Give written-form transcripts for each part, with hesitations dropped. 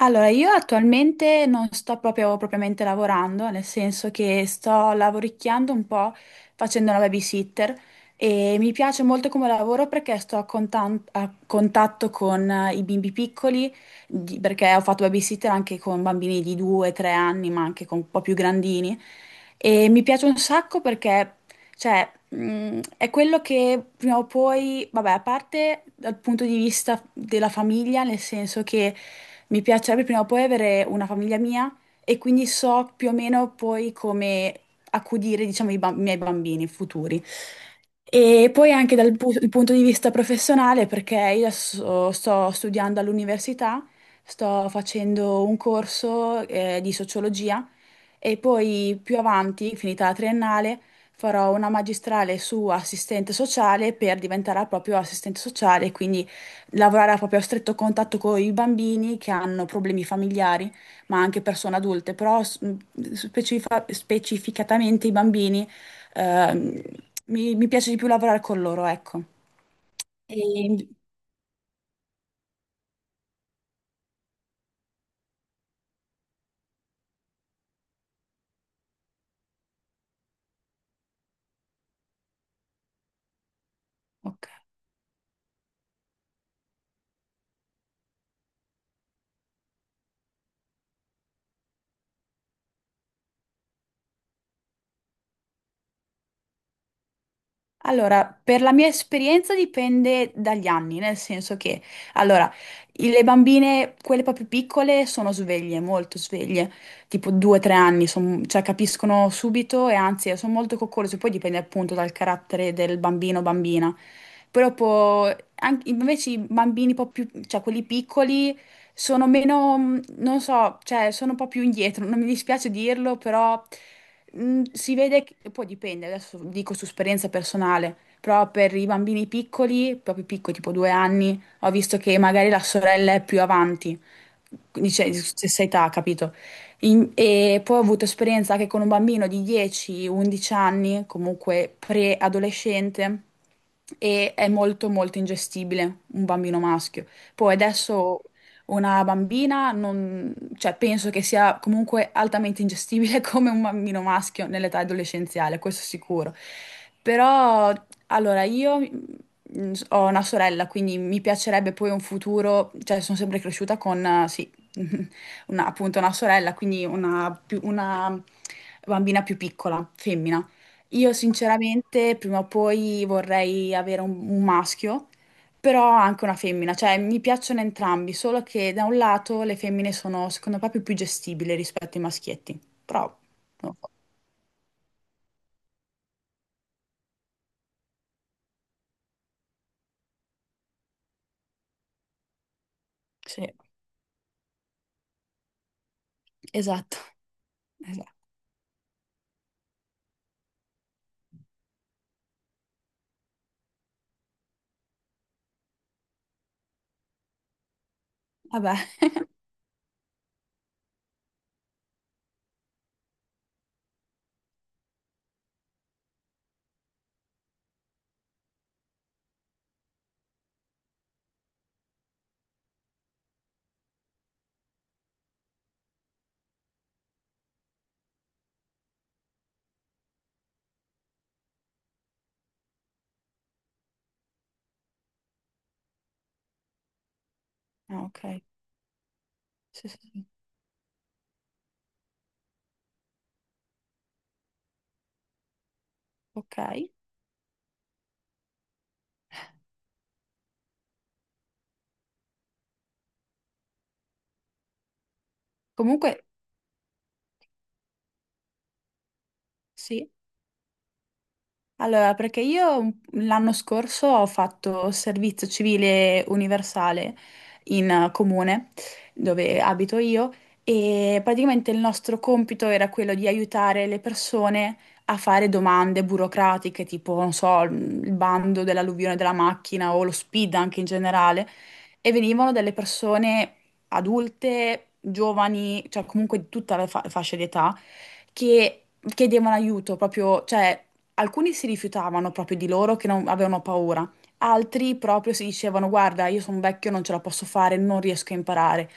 Allora, io attualmente non sto proprio propriamente lavorando, nel senso che sto lavoricchiando un po' facendo una babysitter. E mi piace molto come lavoro perché sto a contatto con i bimbi piccoli. Perché ho fatto babysitter anche con bambini di 2-3 anni, ma anche con un po' più grandini. E mi piace un sacco perché cioè, è quello che prima o poi, vabbè, a parte dal punto di vista della famiglia, nel senso che mi piacerebbe prima o poi avere una famiglia mia e quindi so più o meno poi come accudire, diciamo, i miei bambini futuri. E poi anche il punto di vista professionale, perché io adesso sto studiando all'università, sto facendo un corso, di sociologia. E poi più avanti, finita la triennale, farò una magistrale su assistente sociale per diventare proprio assistente sociale, quindi lavorare a proprio stretto contatto con i bambini che hanno problemi familiari, ma anche persone adulte, però specificatamente i bambini. ehm, mi piace di più lavorare con loro, ecco. E- Ok. Allora, per la mia esperienza dipende dagli anni, nel senso che, allora, le bambine, quelle proprio piccole, sono sveglie, molto sveglie, tipo 2-3 anni, cioè capiscono subito e anzi sono molto coccolose, poi dipende appunto dal carattere del bambino o bambina. Però po- Invece i bambini un po' più, cioè quelli piccoli, sono meno, non so, cioè sono un po' più indietro, non mi dispiace dirlo, però si vede che poi dipende, adesso dico su esperienza personale, però per i bambini piccoli, proprio piccoli, tipo 2 anni, ho visto che magari la sorella è più avanti, quindi c'è stessa età, capito? E poi ho avuto esperienza anche con un bambino di 10-11 anni, comunque pre-adolescente, e è molto molto ingestibile un bambino maschio. Poi adesso una bambina, cioè, penso che sia comunque altamente ingestibile come un bambino maschio nell'età adolescenziale, questo sicuro. Però, allora, io ho una sorella, quindi mi piacerebbe poi un futuro, cioè sono sempre cresciuta con, sì, appunto una sorella, quindi una bambina più piccola, femmina. Io sinceramente prima o poi vorrei avere un maschio, però anche una femmina, cioè mi piacciono entrambi, solo che da un lato le femmine sono secondo me più, più gestibili rispetto ai maschietti, però non lo so. Sì, esatto, esatto. Vabbè. Ah, ok, sì, sì, sì. Ok. Comunque, sì. Allora, perché io l'anno scorso ho fatto servizio civile universale in comune dove abito io, e praticamente il nostro compito era quello di aiutare le persone a fare domande burocratiche, tipo, non so, il bando dell'alluvione della macchina o lo SPID anche in generale. E venivano delle persone adulte, giovani, cioè comunque di tutta la fascia di età, che chiedevano aiuto proprio. Cioè, alcuni si rifiutavano proprio, di loro che avevano paura, altri proprio si dicevano: guarda, io sono vecchio, non ce la posso fare, non riesco a imparare.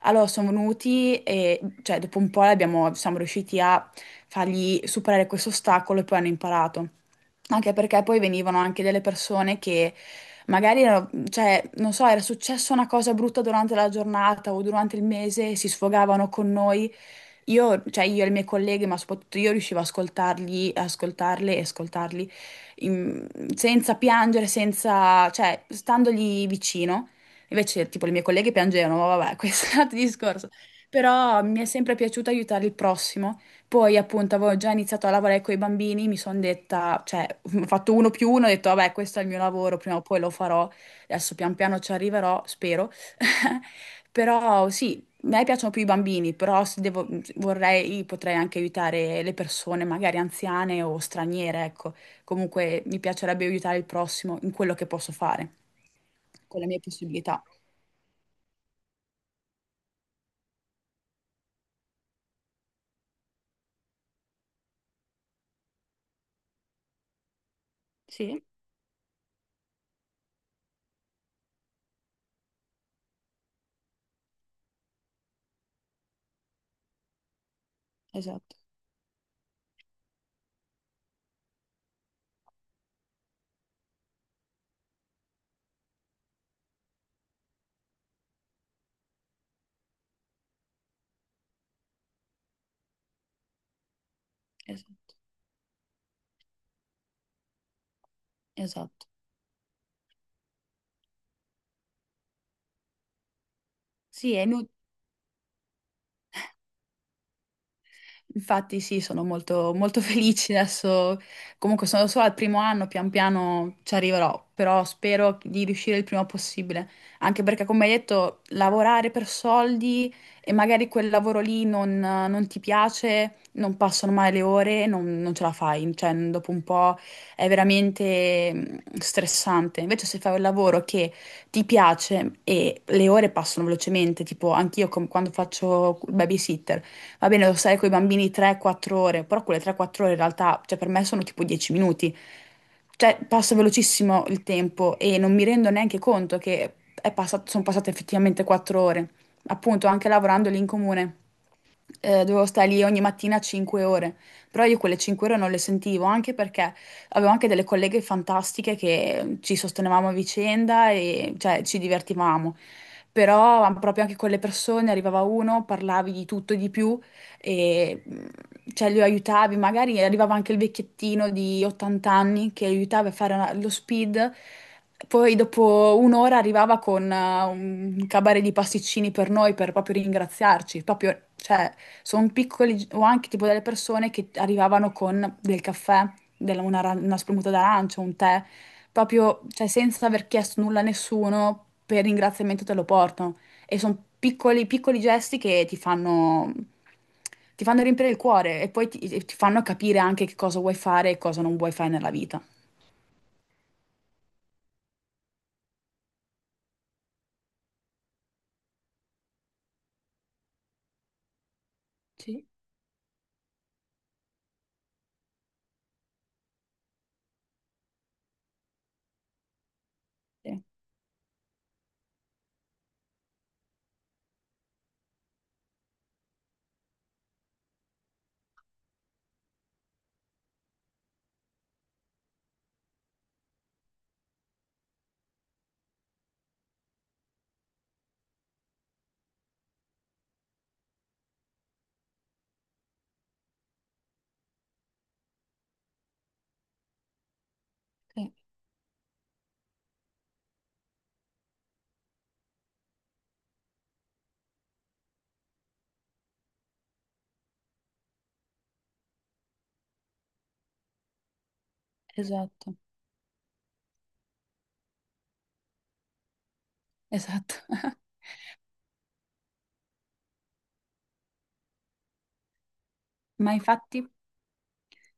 Allora sono venuti e, cioè, dopo un po' siamo riusciti a fargli superare questo ostacolo e poi hanno imparato. Anche perché poi venivano anche delle persone che magari, cioè, non so, era successa una cosa brutta durante la giornata o durante il mese, si sfogavano con noi, io, cioè io e le mie colleghe, ma soprattutto io riuscivo a ascoltarli, ascoltarle e ascoltarli, in- senza piangere, senza, cioè, standogli vicino. Invece, tipo, le mie colleghe piangevano, ma vabbè, questo è un altro discorso. Però mi è sempre piaciuto aiutare il prossimo. Poi, appunto, avevo già iniziato a lavorare con i bambini, mi sono detta, cioè, ho fatto uno più uno, ho detto, vabbè, questo è il mio lavoro, prima o poi lo farò. Adesso pian piano ci arriverò, spero. Però sì, a me piacciono più i bambini, però se devo- vorrei, potrei anche aiutare le persone, magari anziane o straniere, ecco. Comunque mi piacerebbe aiutare il prossimo in quello che posso fare, con le mie possibilità. Sì, esatto, esatto, esatto. Sì, è inutile. Infatti sì, sono molto, molto felice adesso, comunque sono solo al primo anno, pian piano ci arriverò, però spero di riuscire il prima possibile, anche perché come hai detto, lavorare per soldi e magari quel lavoro lì non ti piace, non passano mai le ore, non ce la fai, cioè dopo un po' è veramente stressante. Invece se fai un lavoro che ti piace e le ore passano velocemente, tipo anch'io quando faccio il babysitter, va bene, devo stare con i bambini 3-4 ore, però quelle 3-4 ore in realtà, cioè per me sono tipo 10 minuti. Cioè, passa velocissimo il tempo e non mi rendo neanche conto che sono passate effettivamente 4 ore. Appunto, anche lavorando lì in comune, dovevo stare lì ogni mattina 5 ore, però io quelle 5 ore non le sentivo, anche perché avevo anche delle colleghe fantastiche che ci sostenevamo a vicenda, e cioè, ci divertivamo. Però proprio anche con le persone, arrivava uno, parlavi di tutto e di più, e cioè, lo aiutavi. Magari arrivava anche il vecchiettino di 80 anni che aiutava a fare lo speed, poi dopo un'ora arrivava con un cabaret di pasticcini per noi, per proprio ringraziarci. Proprio, cioè, sono piccoli, o anche tipo delle persone che arrivavano con del caffè, una spremuta d'arancia, un tè, proprio, cioè, senza aver chiesto nulla a nessuno, per ringraziamento te lo portano. E sono piccoli, piccoli gesti che ti fanno riempire il cuore, e poi ti fanno capire anche che cosa vuoi fare e cosa non vuoi fare nella vita. Sì, sì, esatto, esatto. Ma infatti.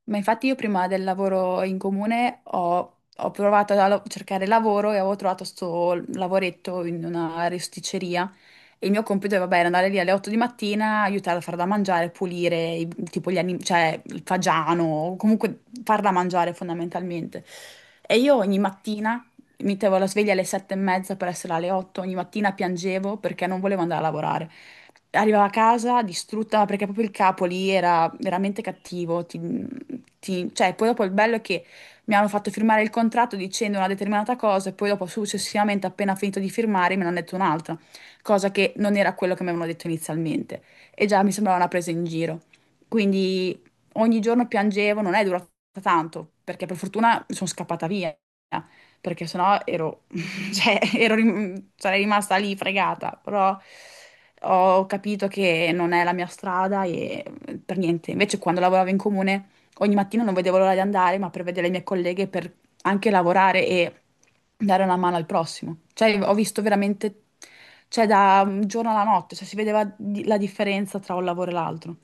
Ma infatti, io prima del lavoro in comune ho provato a cercare lavoro, e avevo trovato sto lavoretto in una rosticceria, e il mio compito, vabbè, era andare lì alle 8 di mattina, aiutare a far da mangiare, pulire tipo gli animali, cioè il fagiano, comunque far da mangiare fondamentalmente. E io ogni mattina mettevo la sveglia alle 7:30 per essere alle 8, ogni mattina piangevo perché non volevo andare a lavorare, arrivava a casa distrutta perché proprio il capo lì era veramente cattivo. Cioè, poi dopo il bello è che mi hanno fatto firmare il contratto dicendo una determinata cosa, e poi dopo successivamente, appena finito di firmare, me ne hanno detto un'altra, cosa che non era quello che mi avevano detto inizialmente. E già mi sembrava una presa in giro. Quindi ogni giorno piangevo, non è durata tanto, perché per fortuna sono scappata via, perché sennò ero, cioè, sarei rimasta lì fregata. Però ho capito che non è la mia strada, e per niente. Invece quando lavoravo in comune, ogni mattina non vedevo l'ora di andare, ma per vedere le mie colleghe, per anche lavorare e dare una mano al prossimo. Cioè, ho visto veramente, cioè, da un giorno alla notte, cioè, si vedeva la differenza tra un lavoro e l'altro.